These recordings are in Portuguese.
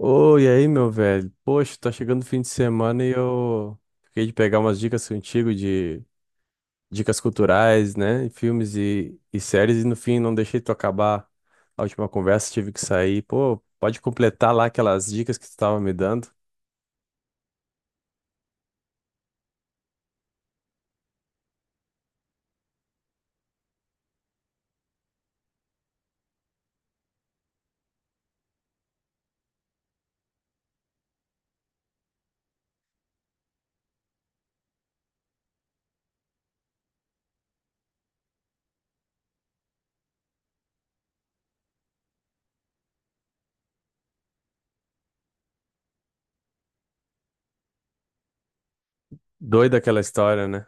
Oi, e aí, meu velho? Poxa, tá chegando o fim de semana e eu fiquei de pegar umas dicas contigo de dicas culturais, né? E filmes e séries, e no fim não deixei tu acabar a última conversa, tive que sair. Pô, pode completar lá aquelas dicas que tu tava me dando. Doida aquela história, né?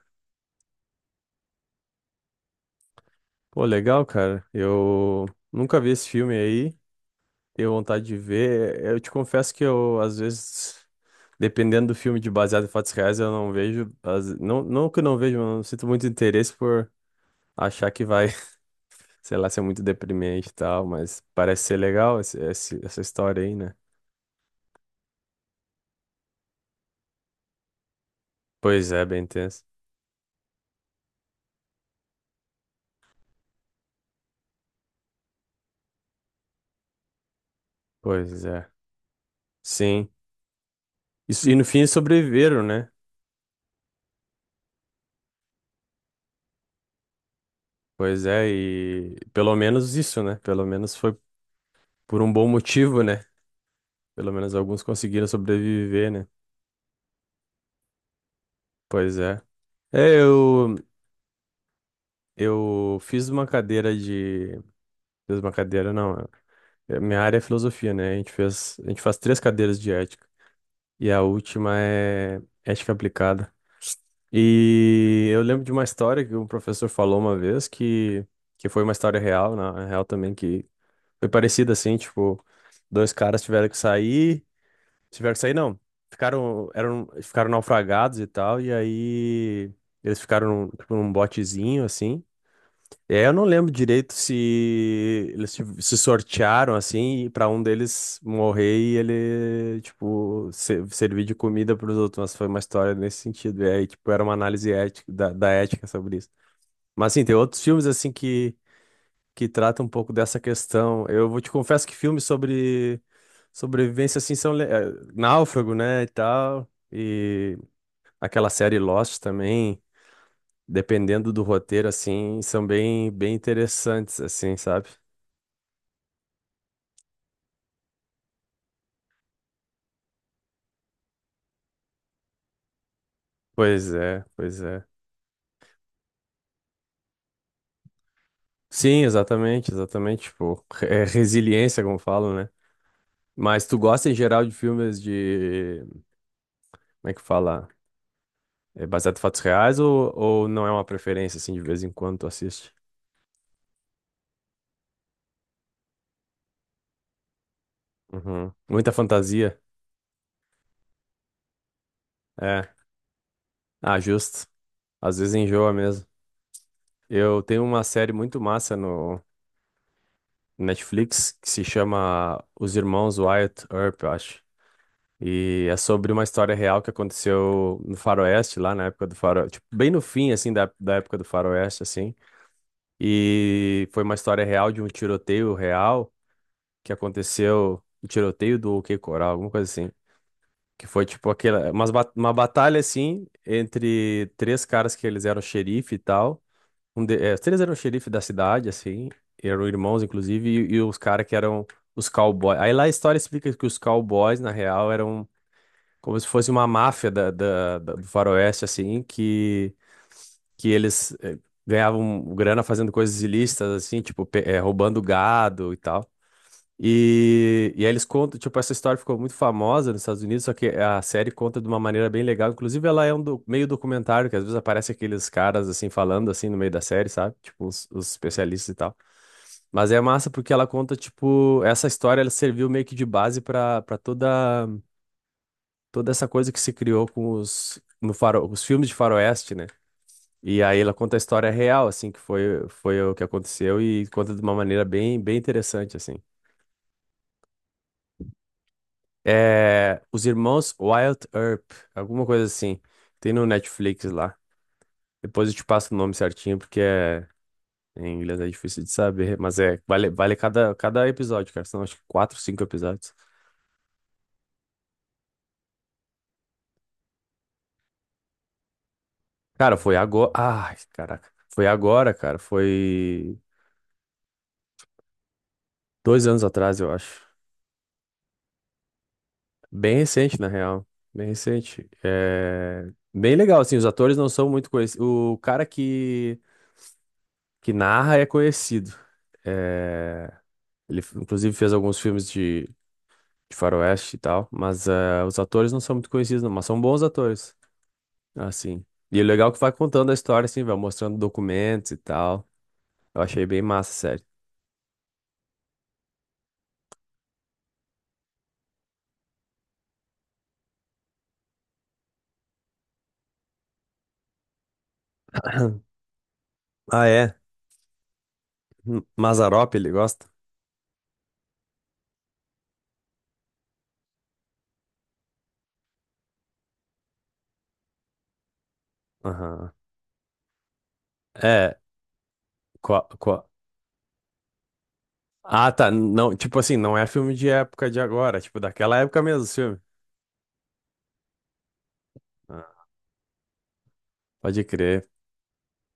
Pô, legal, cara. Eu nunca vi esse filme aí. Tenho vontade de ver. Eu te confesso que eu, às vezes, dependendo do filme de baseado em fatos reais, eu não vejo. Não, não que eu não vejo, mas eu não sinto muito interesse por achar que vai, sei lá, ser muito deprimente e tal, mas parece ser legal essa história aí, né? Pois é, bem tenso. Pois é. Sim. Isso, e no fim eles sobreviveram, né? Pois é, e pelo menos isso, né? Pelo menos foi por um bom motivo, né? Pelo menos alguns conseguiram sobreviver, né? Pois é. É, eu. Eu fiz uma cadeira de. Fiz uma cadeira, não. Minha área é filosofia, né? A gente faz três cadeiras de ética. E a última é ética aplicada. E eu lembro de uma história que um professor falou uma vez que foi uma história real, na real também, que foi parecida assim, tipo, dois caras tiveram que sair. Tiveram que sair, não. Ficaram, eram, ficaram naufragados e tal, e aí eles ficaram num, tipo, num botezinho, assim. É, eu não lembro direito se se sortearam assim para um deles morrer e ele tipo servir de comida para os outros, mas foi uma história nesse sentido. E aí, tipo, era uma análise ética da ética sobre isso. Mas assim, tem outros filmes assim que tratam um pouco dessa questão. Eu vou te confesso que filmes sobre sobrevivência assim são Náufrago, né, e tal, e aquela série Lost também dependendo do roteiro, assim, são bem, bem interessantes, assim, sabe? Pois é, pois é. Sim, exatamente, exatamente. Tipo, é resiliência, como falam, né? Mas tu gosta em geral de filmes de. Como é que fala? É baseado em fatos reais ou não é uma preferência, assim, de vez em quando tu assiste? Uhum. Muita fantasia. É. Ah, justo. Às vezes enjoa mesmo. Eu tenho uma série muito massa no Netflix que se chama Os Irmãos Wyatt Earp, eu acho. E é sobre uma história real que aconteceu no Faroeste, lá na época do Faroeste, tipo, bem no fim, assim, da época do Faroeste, assim. E foi uma história real de um tiroteio real que aconteceu, o tiroteio do OK Coral, alguma coisa assim. Que foi, tipo, aquela, uma batalha, assim, entre três caras que eles eram xerife e tal. Os três eram xerife da cidade, assim, eram irmãos, inclusive, e os caras que eram os cowboys. Aí lá a história explica que os cowboys, na real, eram como se fosse uma máfia do Faroeste, assim, que eles ganhavam grana fazendo coisas ilícitas, assim, tipo, roubando gado e tal. E aí eles contam, tipo, essa história ficou muito famosa nos Estados Unidos, só que a série conta de uma maneira bem legal. Inclusive, ela é meio documentário, que às vezes aparece aqueles caras, assim, falando, assim, no meio da série, sabe? Tipo, os especialistas e tal. Mas é massa porque ela conta, tipo, essa história, ela serviu meio que de base para toda essa coisa que se criou com os, no faro, os filmes de faroeste, né? E aí ela conta a história real, assim, que foi o que aconteceu e conta de uma maneira bem, bem interessante, assim. É, os irmãos Wild Earp, alguma coisa assim. Tem no Netflix lá. Depois eu te passo o nome certinho, porque é, em inglês é difícil de saber, mas é, vale, cada episódio, cara. São acho que quatro, cinco episódios. Cara, foi agora. Ai, caraca. Foi agora, cara. Foi 2 anos atrás, eu acho. Bem recente, na real. Bem recente. É... Bem legal, assim, os atores não são muito conhecidos. O cara que narra é conhecido. É, ele, inclusive, fez alguns filmes de faroeste e tal, mas os atores não são muito conhecidos, não, mas são bons atores, assim. E o legal é que vai contando a história, assim, vai mostrando documentos e tal. Eu achei bem massa, sério. Ah, é? Mazarop ele gosta? Aham. É, qual, Ah, tá. Não, tipo assim, não é filme de época de agora, tipo daquela época mesmo, os filme. Ah, pode crer.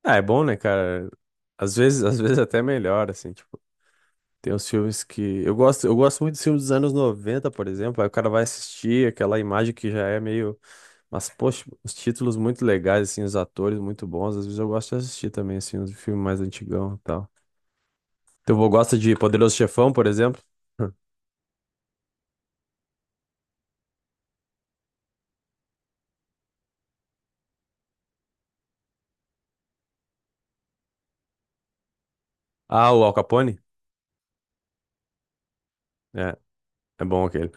Ah, é bom, né, cara? Às vezes até melhor, assim, tipo, tem uns filmes que eu gosto muito dos filmes dos anos 90, por exemplo, aí o cara vai assistir aquela imagem que já é meio, mas poxa, os títulos muito legais assim, os atores muito bons, às vezes eu gosto de assistir também assim, uns filmes mais antigão e tal. Teu avô gosta de Poderoso Chefão, por exemplo? Ah, o Al Capone? É, é bom aquele.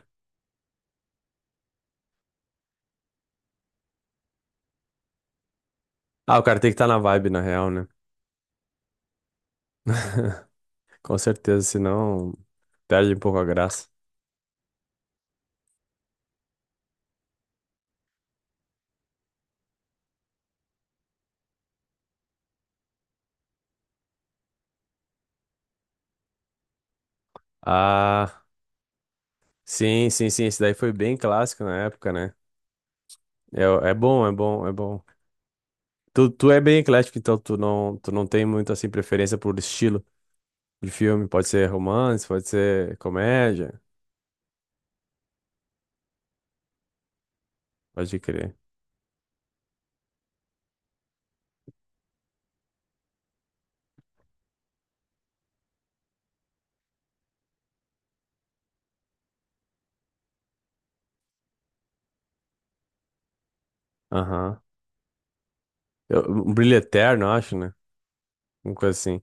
Ah, o cara tem que estar na vibe, na real, né? Com certeza, senão perde um pouco a graça. Ah, sim, sim, sim. Esse daí foi bem clássico na época, né? É, é bom, é bom, é bom. Tu é bem eclético, então tu não tem muito assim preferência por estilo de filme. Pode ser romance, pode ser comédia, pode crer. Aham. Um Brilho Eterno, eu acho, né? Uma coisa assim.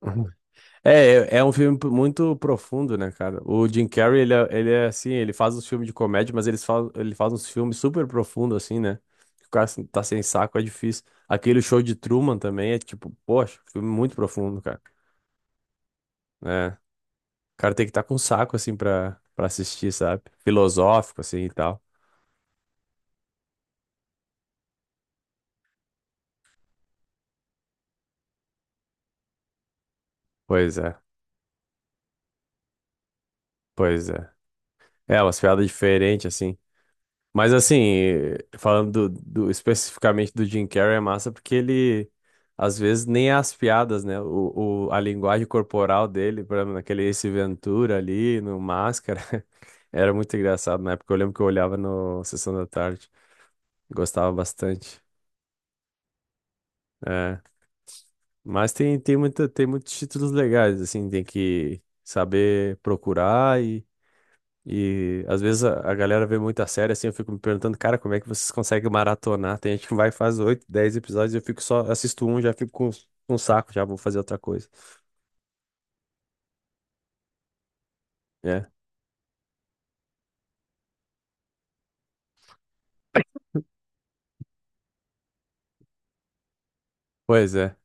É, é um filme muito profundo, né, cara? O Jim Carrey, ele é assim, ele faz uns filmes de comédia, mas ele faz uns filmes super profundos, assim, né? O cara assim, tá sem saco, é difícil. Aquele show de Truman também é tipo, poxa, filme muito profundo, cara. É, o cara tem que estar tá com saco, assim, pra assistir, sabe? Filosófico, assim, e tal. Pois é, pois é. É, umas piadas diferentes, assim. Mas assim, falando especificamente do Jim Carrey, é massa porque ele, às vezes, nem é as piadas, né? A linguagem corporal dele, por exemplo, naquele Ace Ventura ali, no Máscara, era muito engraçado na época. Eu lembro que eu olhava no Sessão da Tarde, gostava bastante. É. Mas tem muitos títulos legais, assim, tem que saber procurar. E às vezes a galera vê muita série assim, eu fico me perguntando, cara, como é que vocês conseguem maratonar? Tem gente que vai e faz oito, dez episódios, eu fico só, assisto um, já fico com um saco, já vou fazer outra coisa. É, pois é.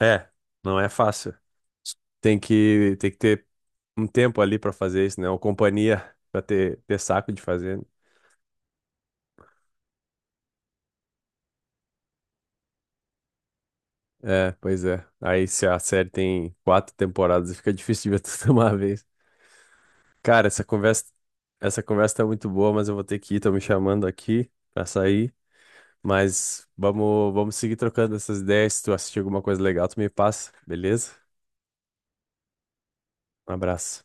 É, não é fácil. Tem que ter um tempo ali pra fazer isso, né? Ou companhia pra ter saco de fazer. É, pois é. Aí se a série tem quatro temporadas, fica difícil de ver tudo de uma vez. Cara, essa conversa tá muito boa, mas eu vou ter que ir, tô me chamando aqui pra sair. Mas vamos seguir trocando essas ideias. Se tu assistir alguma coisa legal, tu me passa, beleza? Um abraço.